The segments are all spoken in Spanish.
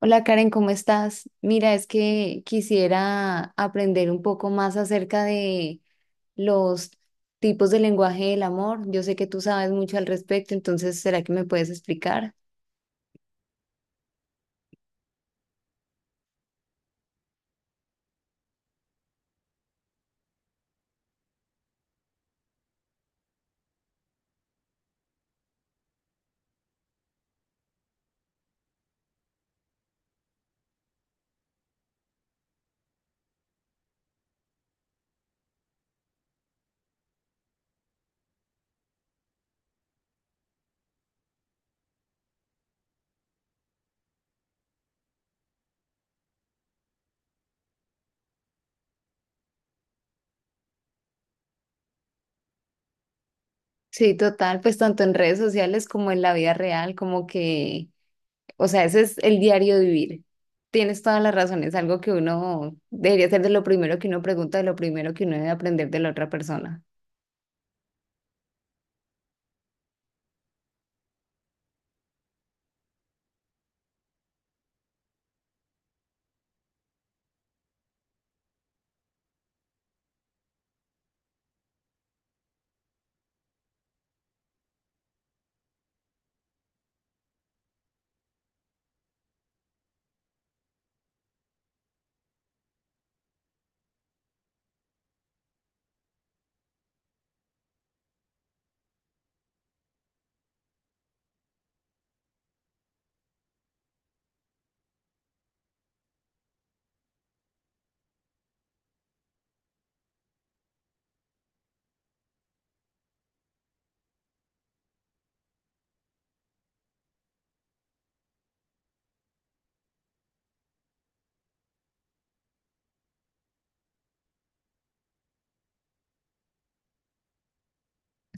Hola Karen, ¿cómo estás? Mira, es que quisiera aprender un poco más acerca de los tipos de lenguaje del amor. Yo sé que tú sabes mucho al respecto, entonces, ¿será que me puedes explicar? Sí, total, pues tanto en redes sociales como en la vida real, como que... O sea, ese es el diario vivir. Tienes toda la razón, es algo que uno debería ser de lo primero que uno pregunta, de lo primero que uno debe aprender de la otra persona.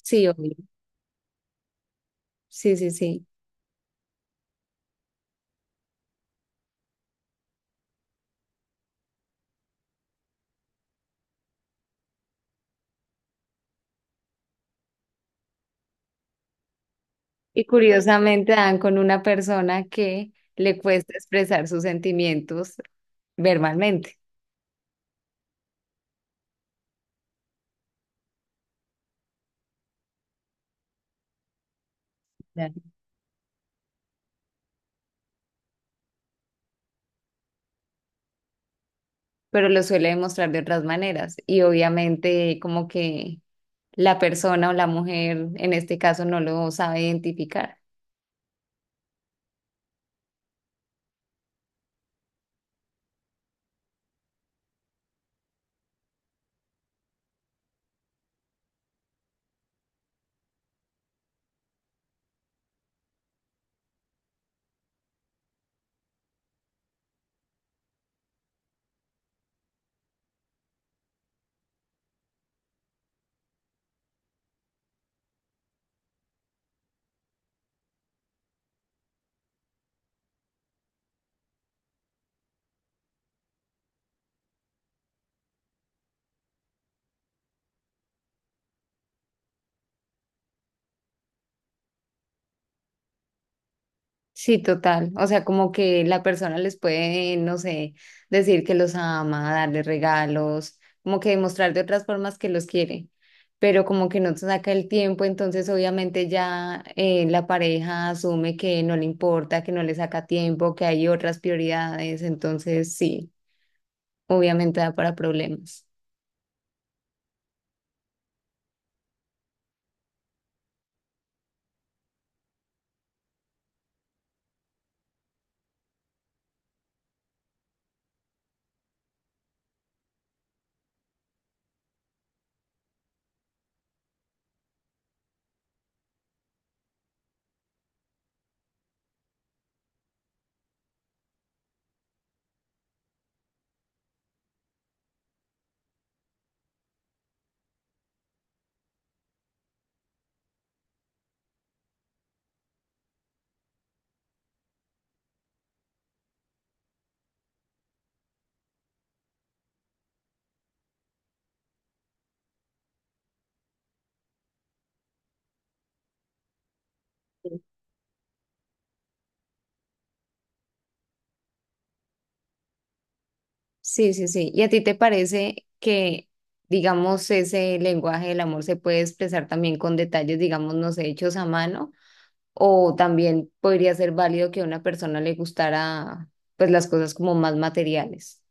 Sí, obvio. Sí, sí, sí. Y curiosamente dan con una persona que le cuesta expresar sus sentimientos verbalmente. Claro. Pero lo suele demostrar de otras maneras. Y obviamente como que la persona o la mujer en este caso no lo sabe identificar. Sí, total. O sea, como que la persona les puede, no sé, decir que los ama, darle regalos, como que demostrar de otras formas que los quiere, pero como que no se saca el tiempo, entonces obviamente ya la pareja asume que no le importa, que no le saca tiempo, que hay otras prioridades, entonces sí, obviamente da para problemas. Sí, sí, sí. ¿Y a ti te parece que, digamos, ese lenguaje del amor se puede expresar también con detalles, digamos, no sé, hechos a mano? O también podría ser válido que a una persona le gustara pues las cosas como más materiales.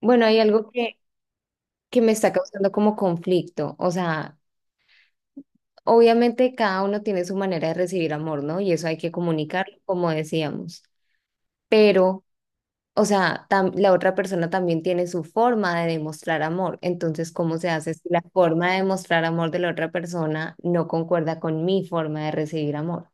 Bueno, hay algo que me está causando como conflicto. O sea, obviamente cada uno tiene su manera de recibir amor, ¿no? Y eso hay que comunicarlo, como decíamos. Pero, o sea, la otra persona también tiene su forma de demostrar amor. Entonces, ¿cómo se hace si la forma de demostrar amor de la otra persona no concuerda con mi forma de recibir amor?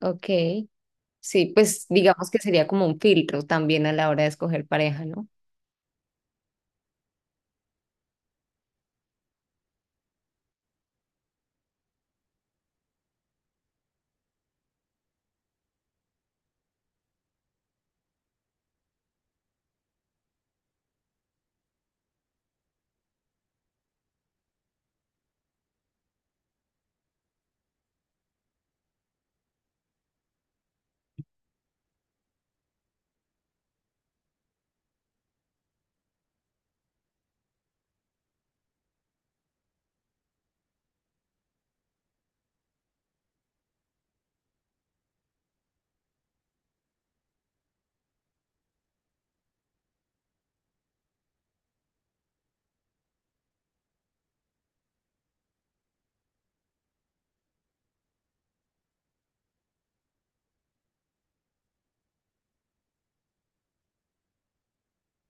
Ok. Sí, pues digamos que sería como un filtro también a la hora de escoger pareja, ¿no?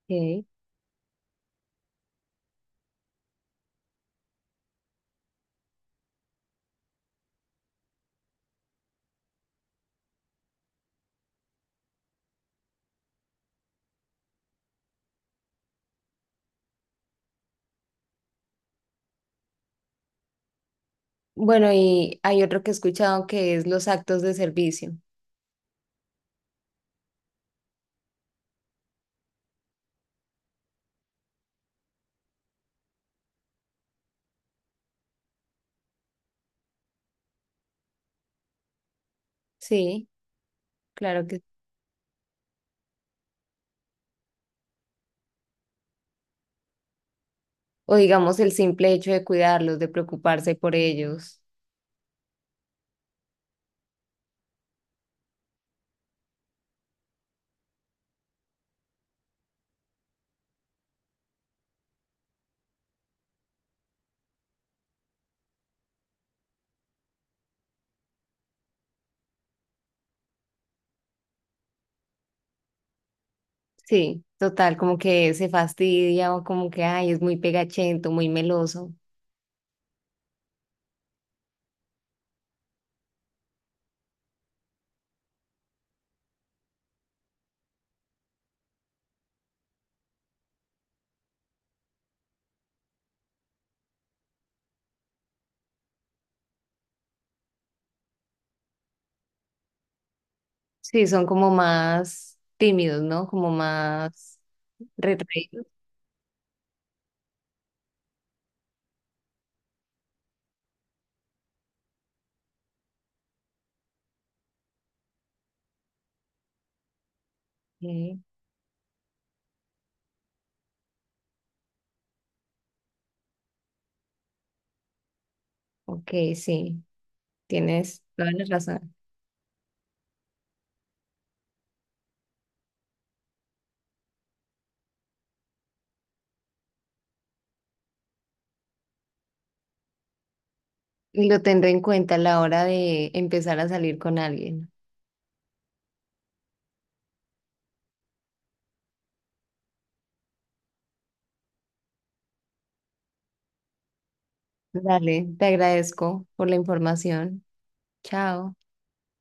Ok. Bueno, y hay otro que he escuchado que es los actos de servicio. Sí, claro que... O digamos el simple hecho de cuidarlos, de preocuparse por ellos. Sí, total, como que se fastidia o como que, ay, es muy pegachento, muy meloso. Sí, son como más tímidos, ¿no? Como más retraídos. Ok, ok, sí, tienes toda la razón. Lo tendré en cuenta a la hora de empezar a salir con alguien. Dale, te agradezco por la información. Chao.